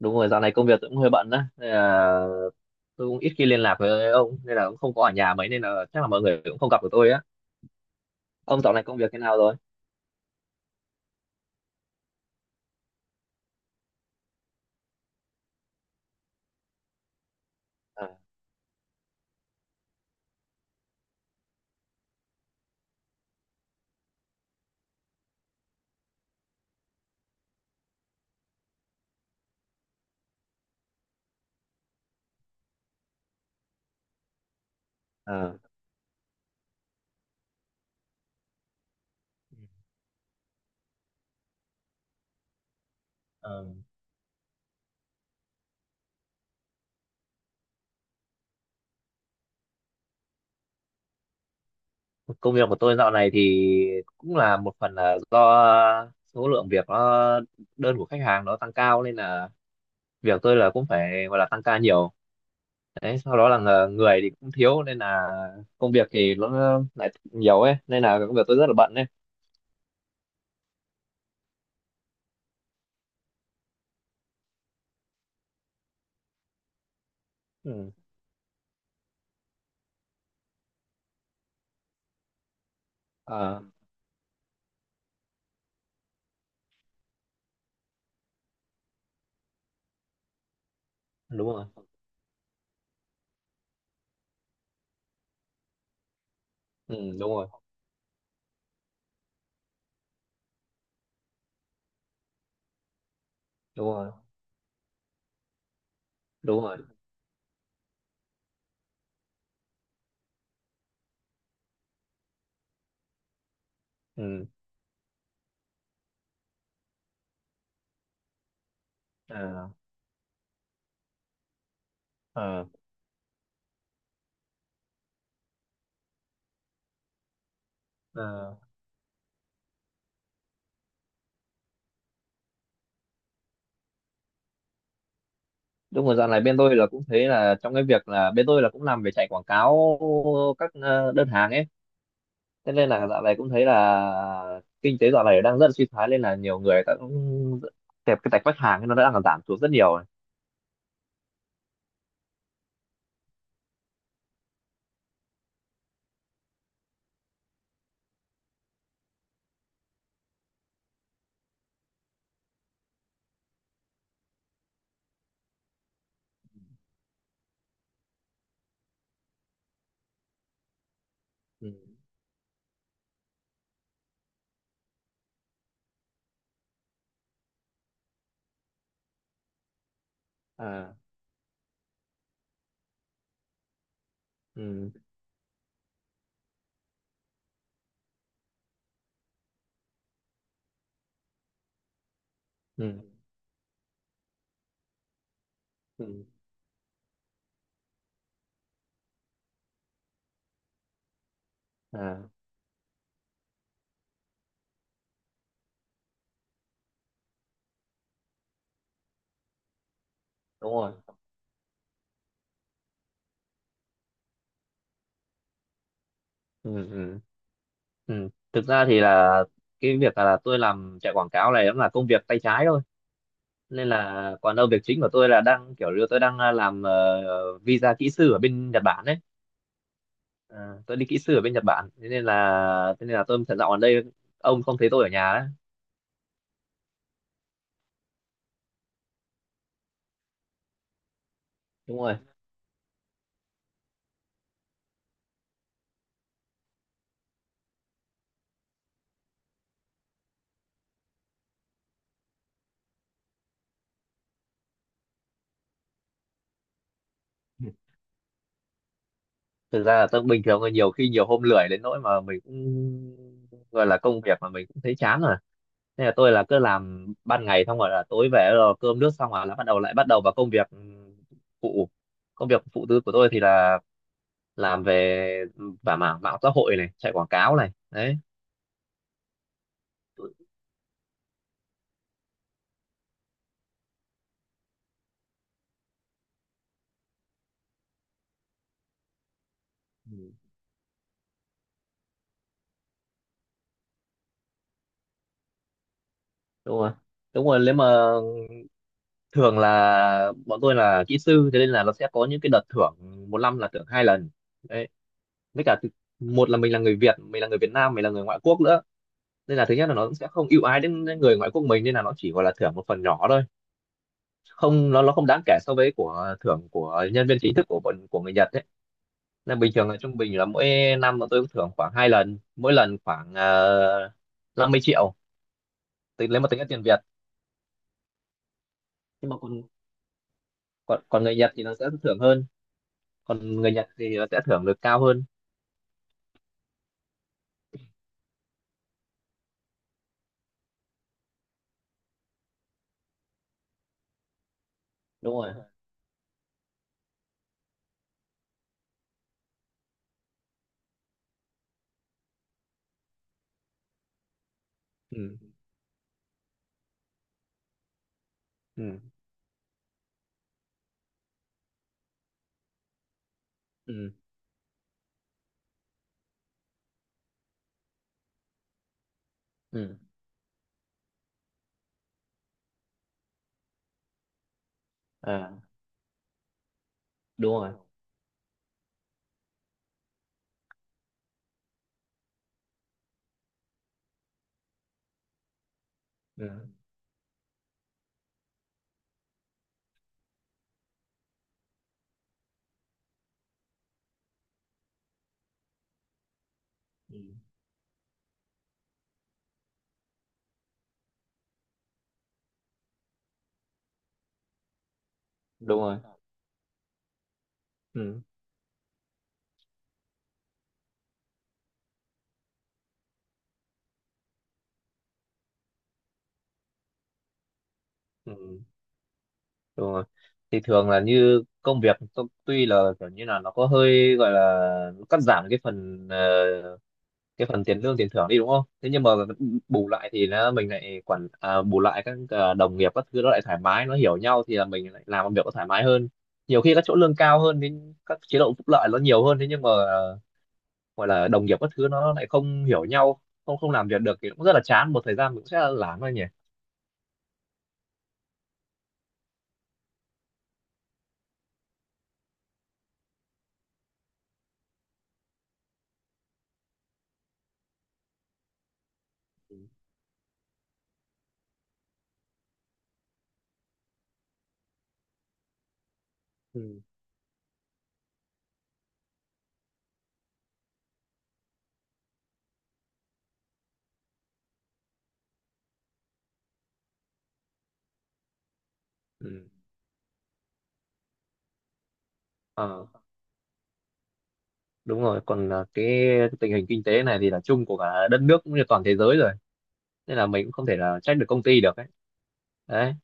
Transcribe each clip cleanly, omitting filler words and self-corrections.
Đúng rồi, dạo này công việc cũng hơi bận đó, nên là tôi cũng ít khi liên lạc với ông, nên là cũng không có ở nhà mấy, nên là chắc là mọi người cũng không gặp được tôi á. Ông dạo này công việc thế nào rồi? à, à. Ờ, Công việc của tôi dạo này thì cũng là một phần là do số lượng việc nó, đơn của khách hàng nó tăng cao, nên là việc tôi là cũng phải gọi là tăng ca nhiều đấy, sau đó là người thì cũng thiếu, nên là công việc thì nó lại nhiều ấy, nên là công việc tôi rất là bận đấy. Ừ. Ờ, đúng rồi. Ừ, đúng rồi, đúng rồi, đúng rồi. Ừ. À, à, à. Đúng rồi, dạo này bên tôi là cũng thấy là trong cái việc là bên tôi là cũng làm về chạy quảng cáo các đơn hàng ấy. Thế nên là dạo này cũng thấy là kinh tế dạo này đang rất là suy thoái, nên là nhiều người ta cũng kẹp cái tạch khách hàng ấy, nó đang giảm xuống rất nhiều rồi. Ừ. À. Ừ. Ừ. Ừ. À, đúng rồi. Ừ. Ừ. Ừ. Thực ra thì là cái việc là tôi làm chạy quảng cáo này cũng là công việc tay trái thôi, nên là còn đâu việc chính của tôi là đang kiểu như tôi đang làm visa kỹ sư ở bên Nhật Bản đấy. Ờ, tôi đi kỹ sư ở bên Nhật Bản, thế nên là tôi thật dạo ở đây ông không thấy tôi ở nhà đấy. Đúng rồi, thực ra là tôi bình thường là nhiều khi nhiều hôm lười đến nỗi mà mình cũng gọi là công việc mà mình cũng thấy chán rồi, nên là tôi là cứ làm ban ngày xong rồi là tối về rồi cơm nước xong rồi là bắt đầu lại bắt đầu vào công việc phụ, công việc phụ tư của tôi thì là làm về và mảng mạng xã hội này, chạy quảng cáo này đấy. Ừ, đúng rồi, đúng rồi. Nếu mà thường là bọn tôi là kỹ sư, thế nên là nó sẽ có những cái đợt thưởng, một năm là thưởng hai lần đấy, với cả một là mình là người Việt, mình là người Việt Nam, mình là người ngoại quốc nữa, nên là thứ nhất là nó cũng sẽ không ưu ái đến đến người ngoại quốc mình, nên là nó chỉ gọi là thưởng một phần nhỏ thôi. Không, nó không đáng kể so với của thưởng của nhân viên chính thức của bọn, của người Nhật đấy, nên bình thường là trung bình là mỗi năm bọn tôi cũng thưởng khoảng hai lần, mỗi lần khoảng 50 triệu. Tính lấy một, tính là tiền Việt, nhưng mà còn còn còn người Nhật thì nó sẽ thưởng hơn. Còn người Nhật thì nó sẽ thưởng được cao hơn. Đúng rồi. Ừ, ừ, ừ, ừ. À, đúng rồi. Ừ. Ừ. Đúng rồi. Ừ, ừ, đúng rồi. Thì thường là như công việc tuy là kiểu như là nó có hơi gọi là nó cắt giảm cái phần tiền lương tiền thưởng đi, đúng không, thế nhưng mà bù lại thì nó mình lại quản à, bù lại các đồng nghiệp các thứ nó lại thoải mái, nó hiểu nhau, thì là mình lại làm công việc nó thoải mái hơn. Nhiều khi các chỗ lương cao hơn thì các chế độ phúc lợi nó nhiều hơn, thế nhưng mà gọi là đồng nghiệp các thứ nó lại không hiểu nhau, không không làm việc được thì cũng rất là chán, một thời gian cũng sẽ lán thôi nhỉ. Ừ. Ừ. Ừ. Ờ, đúng rồi, còn là cái tình hình kinh tế này thì là chung của cả đất nước cũng như toàn thế giới rồi, nên là mình cũng không thể là trách được công ty được ấy. Đấy.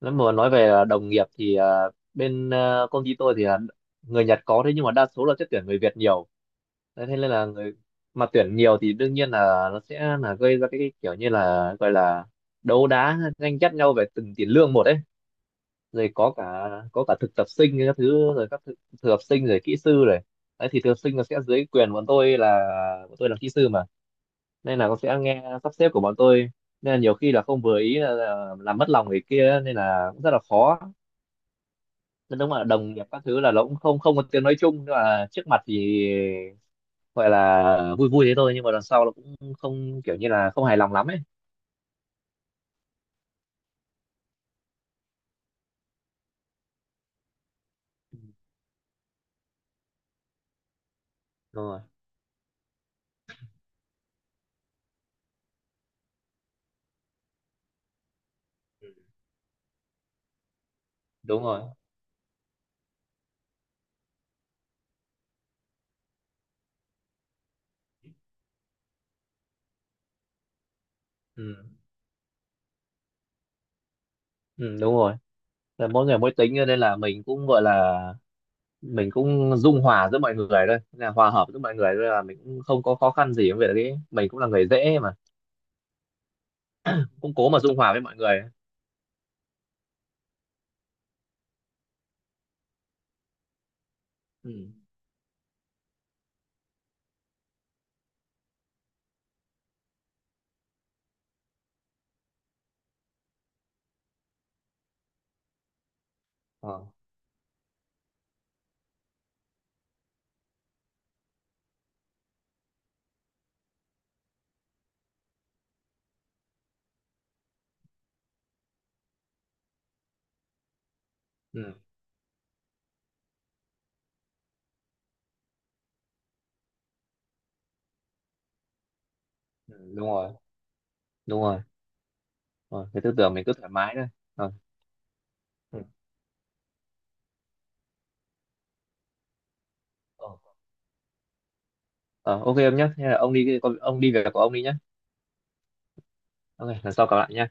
Nếu mà nói về đồng nghiệp thì bên công ty tôi thì là người Nhật có, thế nhưng mà đa số là sẽ tuyển người Việt nhiều. Đấy, thế nên là người mà tuyển nhiều thì đương nhiên là nó sẽ là gây ra cái kiểu như là gọi là đấu đá tranh chấp nhau về từng tiền lương một ấy. Rồi có cả thực tập sinh các thứ, rồi các thực tập sinh rồi kỹ sư rồi. Đấy thì thực tập sinh nó sẽ dưới quyền bọn tôi, là bọn tôi là kỹ sư mà, nên là nó sẽ nghe sắp xếp của bọn tôi, nên là nhiều khi là không vừa ý là làm mất lòng người kia, nên là cũng rất là khó. Nên đúng là đồng nghiệp các thứ là nó cũng không không có tiếng nói chung, nhưng mà trước mặt thì gọi là vui vui thế thôi, nhưng mà đằng sau nó cũng không kiểu như là không hài lòng lắm ấy. Ừ, đúng rồi. Ừ, đúng rồi. Ừ, ừ, đúng rồi. Là mỗi người mỗi tính, nên là mình cũng gọi là mình cũng dung hòa giữa mọi người thôi, là hòa hợp giữa mọi người thôi, là mình cũng không có khó khăn gì với việc đấy, mình cũng là người dễ mà, cũng cố mà dung hòa với mọi người. Ừ. Ờ. Ừ. Ừ. Đúng rồi, đúng rồi. Ờ, cái tư tưởng mình cứ thoải mái thôi. Ờ. Ừ. Ờ, ờ, ok em nhé, hay là ông đi, ông đi việc của ông đi nhé. Ok, lần sau gặp lại nhé.